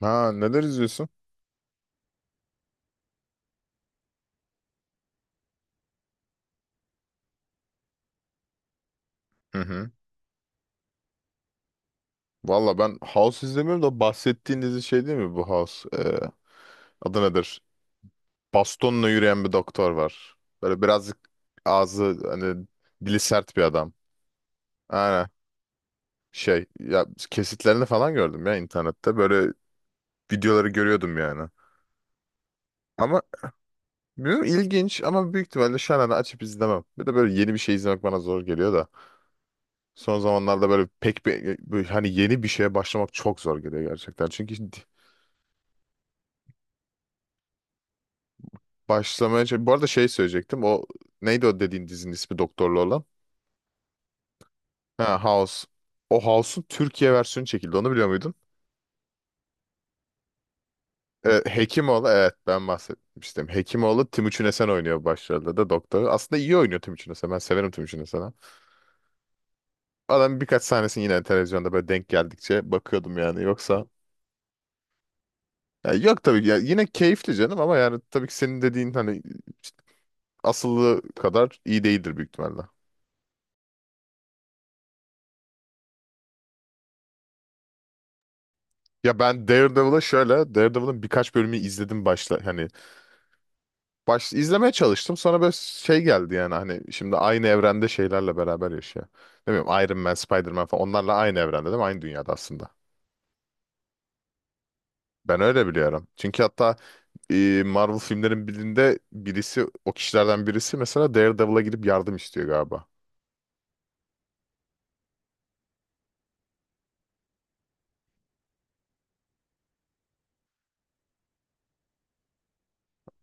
Ha, neler izliyorsun? Hı hı. Valla ben House izlemiyorum da bahsettiğin dizi şey değil mi bu House? Adı nedir? Bastonla yürüyen bir doktor var. Böyle birazcık ağzı hani dili sert bir adam. Aynen. Şey ya, kesitlerini falan gördüm ya internette. Böyle videoları görüyordum yani. Ama bilmiyorum, ilginç, ama büyük ihtimalle şu an hani açıp izlemem. Bir de böyle yeni bir şey izlemek bana zor geliyor da. Son zamanlarda böyle pek böyle hani yeni bir şeye başlamak çok zor geliyor gerçekten. Çünkü bu arada şey söyleyecektim. O neydi, o dediğin dizinin ismi doktorlu olan? Ha, House. O House'un Türkiye versiyonu çekildi. Onu biliyor muydun? Hekimoğlu, evet, ben bahsetmiştim. Hekimoğlu Timuçin Esen oynuyor başrolde, de doktoru. Aslında iyi oynuyor Timuçin Esen. Ben severim Timuçin Esen'i. Adam birkaç sahnesini yine televizyonda böyle denk geldikçe bakıyordum yani. Yoksa ya yok tabii ki. Ya yine keyifli canım ama yani tabii ki senin dediğin hani asıllı kadar iyi değildir büyük ihtimalle. Ya ben Daredevil'ın birkaç bölümü izledim, baş izlemeye çalıştım. Sonra böyle şey geldi yani, hani şimdi aynı evrende şeylerle beraber yaşıyor. Ne bileyim, Iron Man, Spider-Man falan, onlarla aynı evrende değil mi? Aynı dünyada aslında. Ben öyle biliyorum. Çünkü hatta Marvel filmlerin birinde birisi, o kişilerden birisi mesela Daredevil'a gidip yardım istiyor galiba.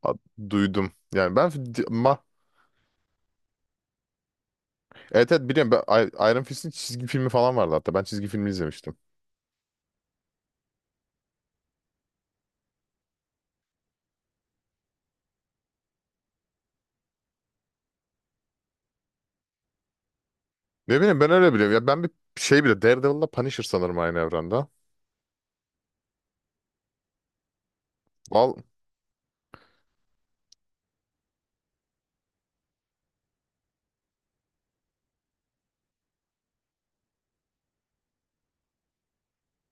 A- Duydum. Yani ben di- ma evet evet, biliyorum. Iron Fist'in çizgi filmi falan vardı hatta. Ben çizgi filmi izlemiştim. Ne bileyim, ben öyle biliyorum. Ya ben bir şey bile Daredevil'la Punisher sanırım aynı evrende. Val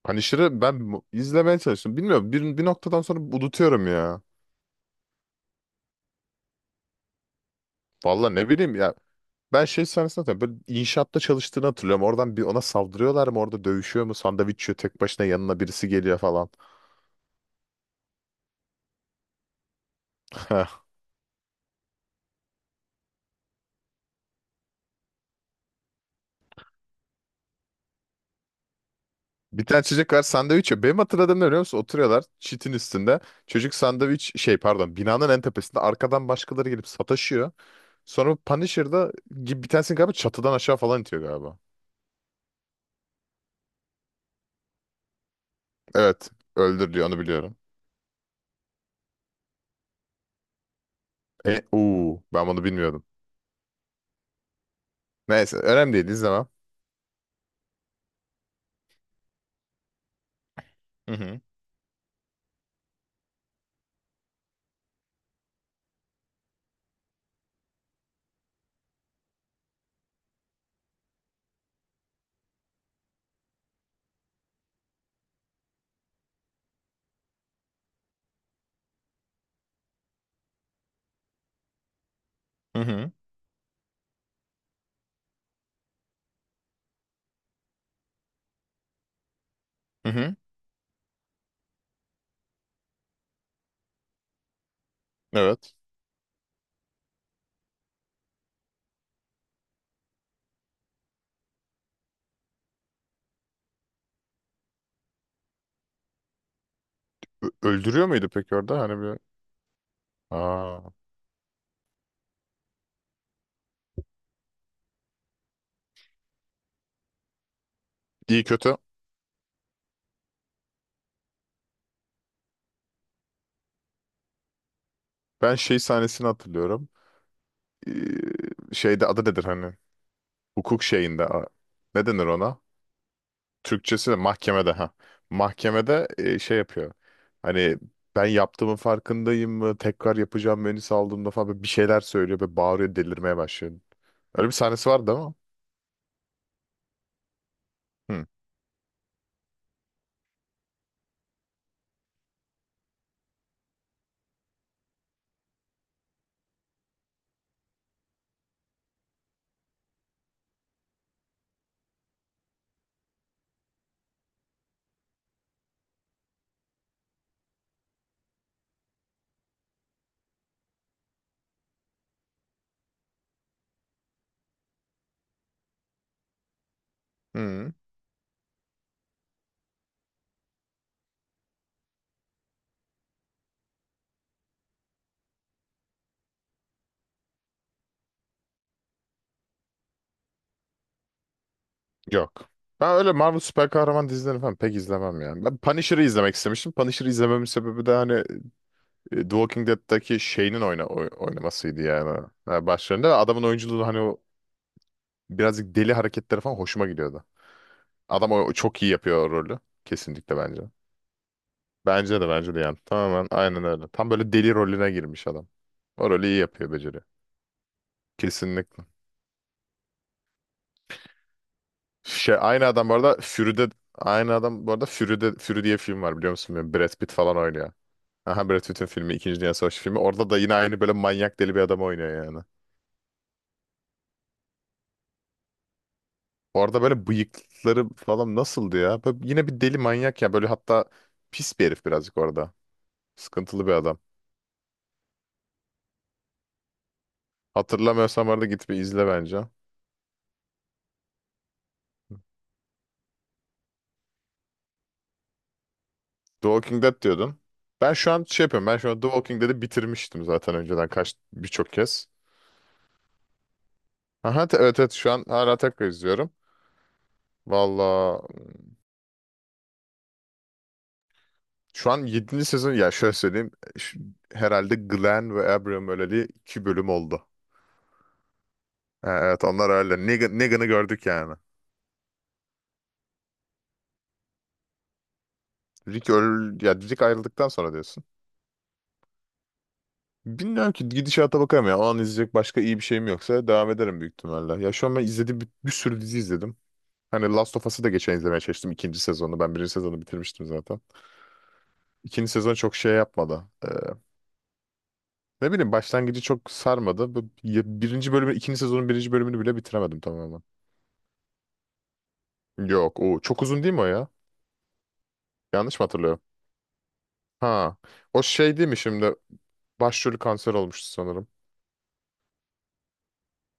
Punisher'ı ben izlemeye çalıştım. Bilmiyorum, bir noktadan sonra unutuyorum ya. Vallahi ne bileyim ya. Ben şey sahnesini hatırlıyorum. Böyle inşaatta çalıştığını hatırlıyorum. Oradan bir ona saldırıyorlar mı? Orada dövüşüyor mu? Sandviç yiyor. Tek başına, yanına birisi geliyor falan. Bir tane çocuk var, sandviç yiyor. Benim hatırladığım ne, biliyor musun? Oturuyorlar çitin üstünde. Çocuk sandviç şey, pardon, binanın en tepesinde. Arkadan başkaları gelip sataşıyor. Sonra Punisher'da gibi bir tanesini galiba çatıdan aşağı falan itiyor galiba. Evet, öldür diyor, onu biliyorum. Ben bunu bilmiyordum. Neyse, önemli değil, izlemem. Hı hı. Hı hı. Hı hı. Evet. Öldürüyor muydu peki orada? Hani bir... Aa. İyi kötü. Ben şey sahnesini hatırlıyorum. Ee, Şeyde adı nedir hani? Hukuk şeyinde. a- Ne denir ona? Türkçesi de mahkemede ha. Mahkemede şey yapıyor. Hani ben yaptığımın farkındayım mı? Tekrar yapacağım beni saldığımda falan, böyle bir şeyler söylüyor ve bağırıyor, delirmeye başlıyor. Öyle bir sahnesi vardı ama. Hı. Hı. Yok. Ben öyle Marvel süper kahraman dizilerini falan pek izlemem yani. Ben Punisher'ı izlemek istemiştim. Punisher'ı izlememin sebebi de hani The Walking Dead'daki Shane'in oynamasıydı yani. Yani başlarında, ve adamın oyunculuğu, hani o birazcık deli hareketleri falan hoşuma gidiyordu. Adam o çok iyi yapıyor o rolü. Kesinlikle, bence. Bence de yani. Tamamen aynen öyle. Tam böyle deli rolüne girmiş adam. O rolü iyi yapıyor, beceriyor. Kesinlikle. Şey, aynı adam bu arada Fury'de, Fury diye film var, biliyor musun? Böyle Brad Pitt falan oynuyor. Aha, Brad Pitt'in filmi, İkinci Dünya Savaşı filmi. Orada da yine aynı böyle manyak deli bir adam oynuyor yani. Orada böyle bıyıkları falan nasıldı ya? Böyle yine bir deli manyak ya. Böyle hatta pis bir herif birazcık orada. Sıkıntılı bir adam. Hatırlamıyorsam orada, git bir izle bence. The Walking Dead diyordun. Ben şu an şey yapıyorum. Ben şu an The Walking Dead'i bitirmiştim zaten önceden kaç, birçok kez. Evet evet, şu an hala tekrar izliyorum. Valla, şu an 7. sezon ya, şöyle söyleyeyim, şu- herhalde Glenn ve Abraham öleli 2 bölüm oldu. Ha evet, onlar öyle. Negan'ı gördük yani. Rick öl ya Rick ayrıldıktan sonra diyorsun. Bilmiyorum ki, gidişata bakarım ya. O an izleyecek başka iyi bir şeyim yoksa devam ederim büyük ihtimalle. Ya şu an ben izlediğim bir sürü dizi izledim. Hani Last of Us'ı da geçen izlemeye çalıştım, ikinci sezonu. Ben birinci sezonu bitirmiştim zaten. İkinci sezon çok şey yapmadı. Ne bileyim, başlangıcı çok sarmadı. Birinci bölümü, ikinci sezonun birinci bölümünü bile bitiremedim tamamen. Yok o çok uzun değil mi o ya? Yanlış mı hatırlıyorum? Ha, o şey değil mi, şimdi başrolü kanser olmuştu sanırım.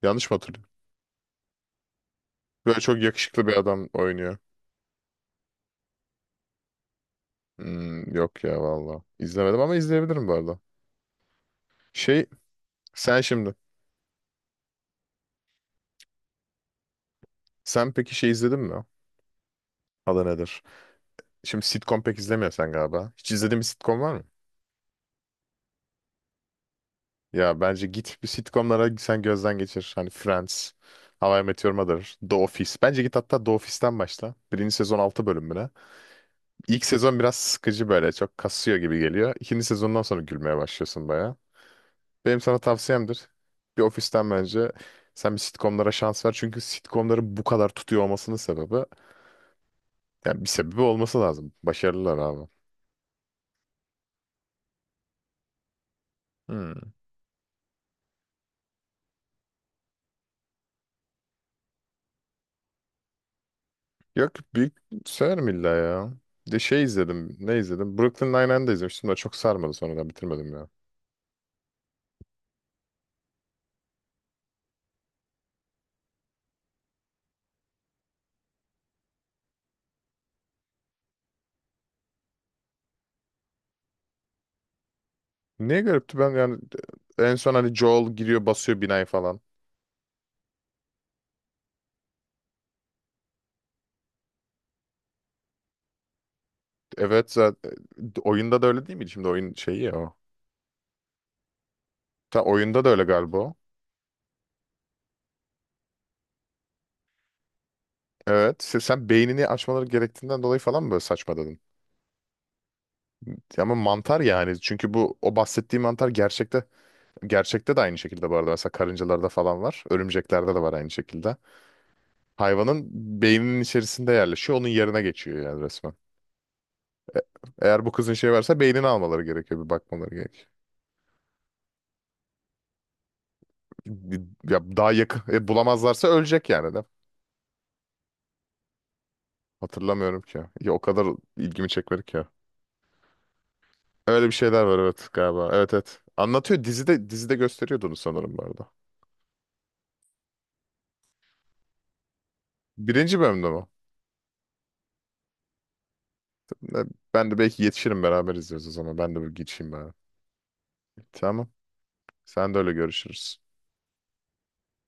Yanlış mı hatırlıyorum? Böyle çok yakışıklı bir adam oynuyor. Hmm, yok ya valla. İzlemedim ama izleyebilirim bu arada. Şey sen şimdi sen peki şey izledin mi? Adı nedir? Şimdi sitcom pek izlemiyorsun sen galiba. Hiç izlediğin bir sitcom var mı? Ya bence git bir sitcomlara sen gözden geçir. Hani Friends, How I Met Your Mother, The Office. Bence git hatta The Office'ten başla. Birinci sezon 6 bölümüne. İlk sezon biraz sıkıcı, böyle çok kasıyor gibi geliyor. İkinci sezondan sonra gülmeye başlıyorsun baya. Benim sana tavsiyemdir. Bir ofisten bence sen bir sitcomlara şans ver. Çünkü sitcomların bu kadar tutuyor olmasının sebebi, yani bir sebebi olması lazım. Başarılılar abi. Hmm. Yok, büyük severim illa ya. Bir de şey izledim. Ne izledim? Brooklyn Nine-Nine'de izlemiştim de çok sarmadı, sonradan bitirmedim ya. Niye garipti, ben yani en son hani Joel giriyor, basıyor binayı falan. Evet, zaten oyunda da öyle değil miydi? Şimdi oyun şeyi ya o. Ta oyunda da öyle galiba. O. Evet. Sen beynini açmaları gerektiğinden dolayı falan mı böyle saçma dedin? Ya ama mantar yani. Çünkü bu o bahsettiğim mantar gerçekte de aynı şekilde bu arada. Mesela karıncalarda falan var. Örümceklerde de var aynı şekilde. Hayvanın beyninin içerisinde yerleşiyor. Onun yerine geçiyor yani resmen. Eğer bu kızın şey varsa beynini almaları gerekiyor. Bir bakmaları gerekiyor. Bir- Ya daha yakın bulamazlarsa ölecek yani de. Hatırlamıyorum ki. Ya o kadar ilgimi çekmedi ki. Öyle bir şeyler var evet galiba. Evet evet. Anlatıyor dizide gösteriyordu onu sanırım bu arada. Birinci bölümde mi? Ne- Ben de belki yetişirim, beraber izliyoruz o zaman. Ben de bir geçeyim bari. Tamam. Sen de öyle, görüşürüz.